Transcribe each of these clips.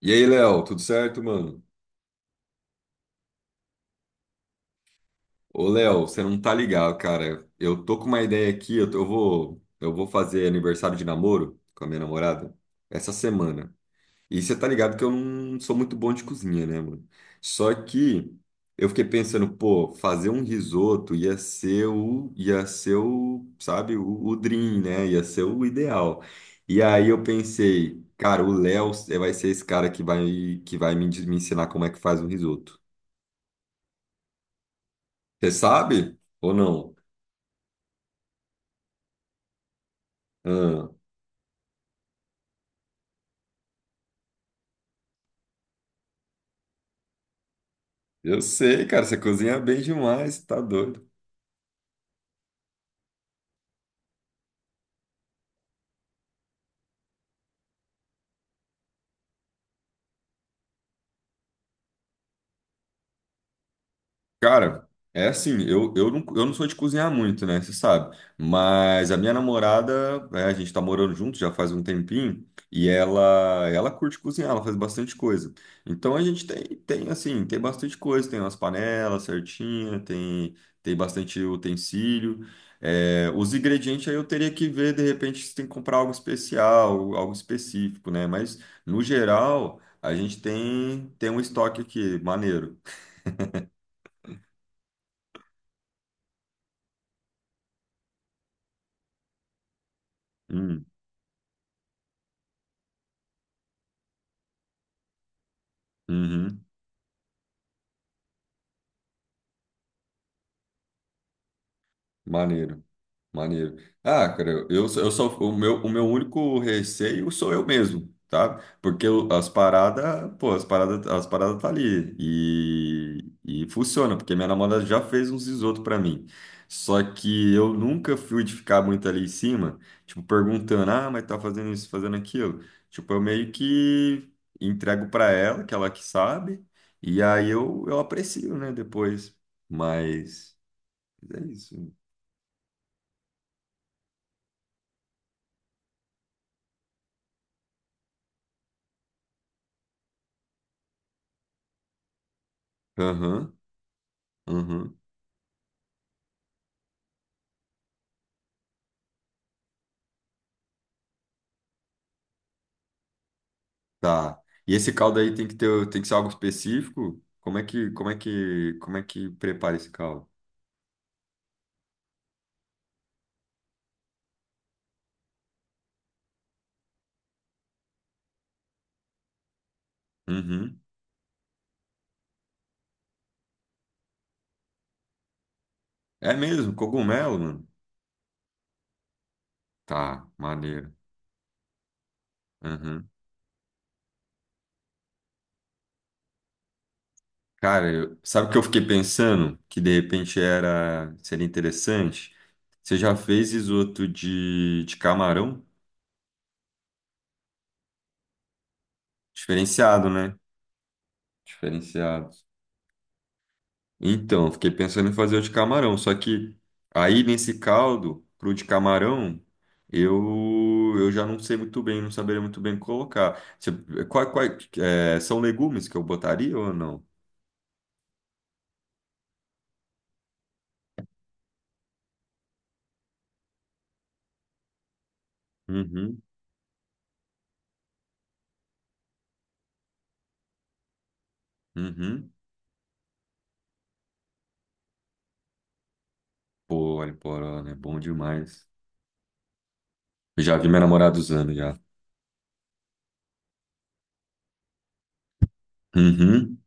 E aí, Léo, tudo certo, mano? Ô, Léo, você não tá ligado, cara. Eu tô com uma ideia aqui, eu vou fazer aniversário de namoro com a minha namorada essa semana. E você tá ligado que eu não sou muito bom de cozinha, né, mano? Só que eu fiquei pensando, pô, fazer um risoto ia ser o dream, né? Ia ser o ideal. E aí eu pensei, cara, o Léo vai ser esse cara que vai me ensinar como é que faz um risoto. Você sabe ou não? Ah, eu sei, cara, você cozinha bem demais, tá doido. Cara, é assim, não, eu não sou de cozinhar muito, né? Você sabe. Mas a minha namorada, é, a gente tá morando junto já faz um tempinho, e ela curte cozinhar, ela faz bastante coisa. Então a gente tem, tem assim, tem bastante coisa, tem umas panelas certinha, tem, tem bastante utensílio. É, os ingredientes aí eu teria que ver, de repente, se tem que comprar algo especial, algo específico, né? Mas, no geral, a gente tem, tem um estoque aqui, maneiro. Hum, uhum. Maneiro, maneiro. Ah, cara, eu só- o meu único receio sou eu mesmo, tá? Porque eu- as paradas, pô, as paradas tá ali e funciona, porque minha namorada já fez uns risoto pra mim. Só que eu nunca fui de ficar muito ali em cima, tipo, perguntando, ah, mas tá fazendo isso, fazendo aquilo. Tipo, eu meio que entrego pra ela que sabe, e aí eu aprecio, né, depois. Mas é isso. Aham. Uhum, tá. E esse caldo aí tem que ter, tem que ser algo específico? Como é que prepara esse caldo? Uhum. É mesmo, cogumelo, mano. Tá, maneiro. Uhum. Cara, eu- sabe o que eu fiquei pensando? Que de repente era, seria interessante. Você já fez risoto de camarão? Diferenciado, né? Diferenciado. Então, fiquei pensando em fazer o de camarão, só que aí nesse caldo, pro de camarão, eu já não sei muito bem, não saberia muito bem colocar. Você, qual, é, são legumes que eu botaria ou não? Uhum, uhum. Pô, olha, poró, né? Bom demais. Eu já vi minha namorada usando já. Uhum,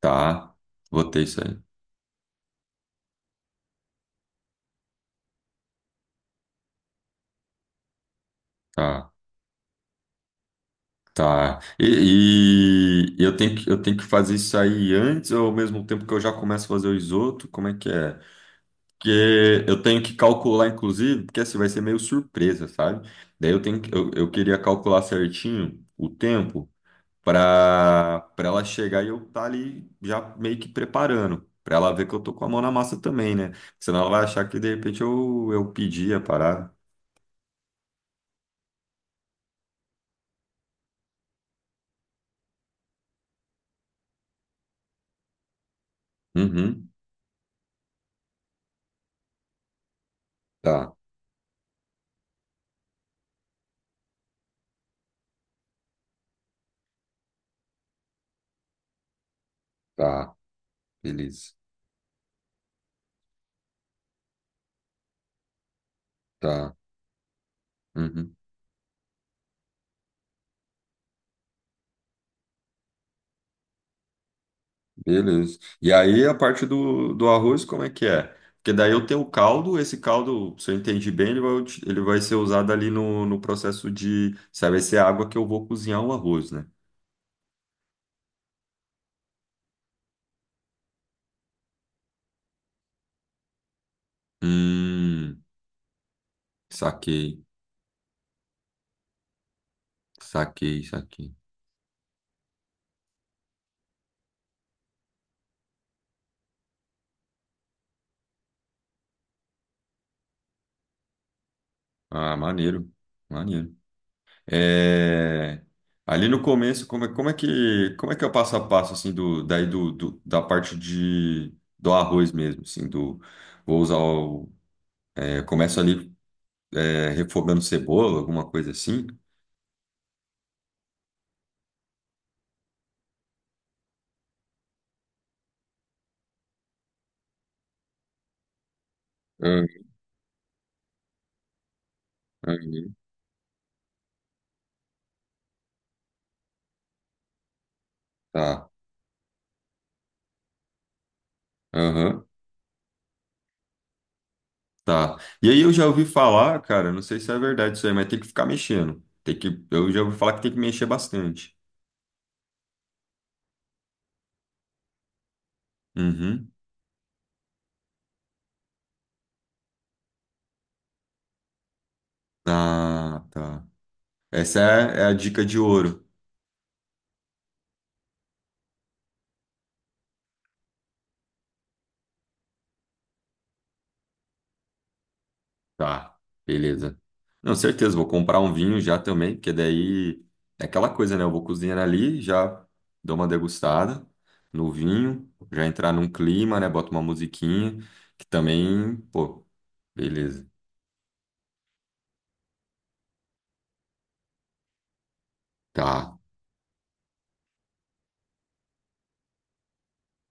tá. Botei isso aí. Tá, tá. E eu tenho que fazer isso aí antes ou ao mesmo tempo que eu já começo a fazer o risoto? Como é que é? Porque eu tenho que calcular, inclusive, porque assim vai ser meio surpresa, sabe? Daí eu tenho que, eu queria calcular certinho o tempo para ela chegar e eu estar ali já meio que preparando, para ela ver que eu tô com a mão na massa também, né? Senão ela vai achar que de repente eu pedi a parada. Uhum, tá, tá, beleza, tá. uhum. Beleza. E aí a parte do arroz, como é que é? Porque daí eu tenho o caldo, esse caldo, se eu entendi bem, ele vai, ut- ele vai ser usado ali no processo de, sabe, vai ser a água que eu vou cozinhar o arroz, né? Hum, saquei, saquei, saquei. Ah, maneiro, maneiro. É, ali no começo, como é que é o passo a passo, assim, do, daí do, do- da parte de, do arroz mesmo, assim, do, vou usar o, é, começo ali é, refogando cebola, alguma coisa assim. Ah, ah, tá. Aham, tá. E aí eu já ouvi falar, cara, não sei se é verdade isso aí, mas tem que ficar mexendo. Tem que, eu já ouvi falar que tem que mexer bastante. Uhum. Ah, tá. Essa é, é a dica de ouro. Tá, beleza. Não, certeza, vou comprar um vinho já também, porque daí é aquela coisa, né? Eu vou cozinhar ali, já dou uma degustada no vinho, já entrar num clima, né? Boto uma musiquinha, que também, pô, beleza. Tá.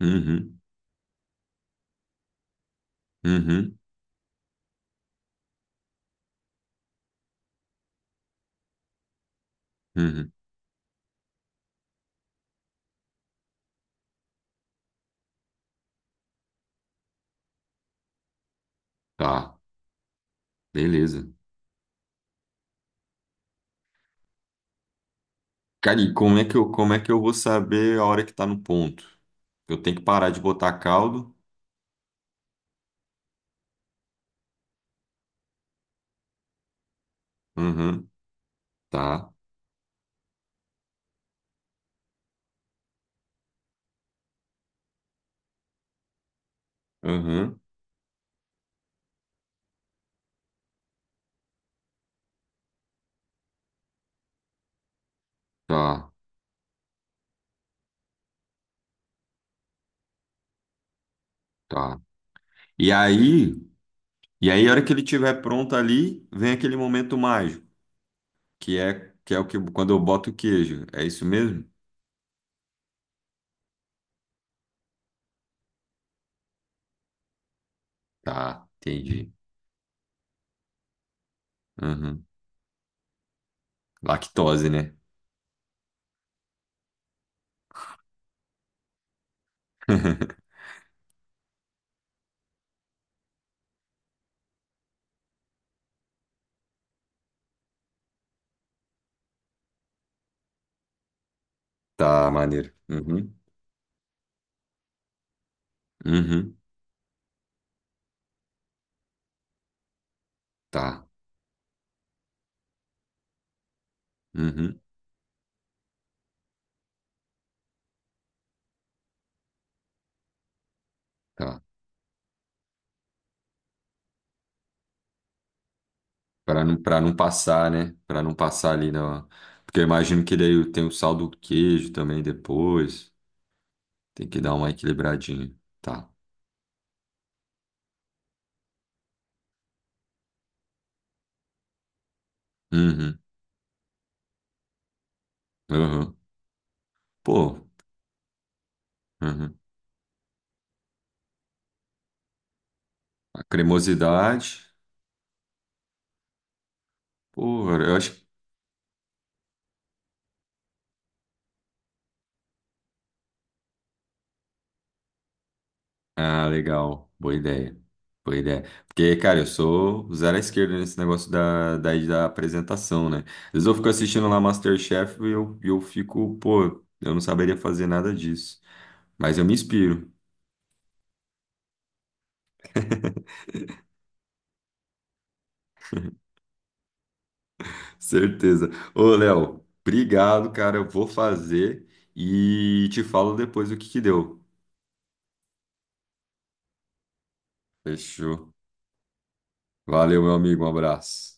Uhum, uhum, uhum. Tá, beleza. Cara, como é que eu vou saber a hora que tá no ponto? Eu tenho que parar de botar caldo? Uhum, tá. Uhum, tá, tá. E aí. E aí, a hora que ele estiver pronto ali, vem aquele momento mágico, que é o que quando eu boto o queijo. É isso mesmo? Tá, entendi. Uhum. Lactose, né? Tá, maneiro. Uhum. Uhum. Tá. Uhum. Tá. Para não passar, né? Para não passar ali na. Porque eu imagino que daí tem o sal do queijo também depois. Tem que dar uma equilibradinha. Tá. Uhum. Uhum. Pô. Uhum. A cremosidade. Pô, eu acho Ah, legal. Boa ideia. Boa ideia. Porque, cara, eu sou zero à esquerda nesse negócio da apresentação, né? Às vezes eu fico assistindo lá MasterChef e eu fico, pô, eu não saberia fazer nada disso. Mas eu me inspiro, certeza. Ô, Léo, obrigado, cara. Eu vou fazer e te falo depois o que que deu. Fechou. Valeu, meu amigo. Um abraço.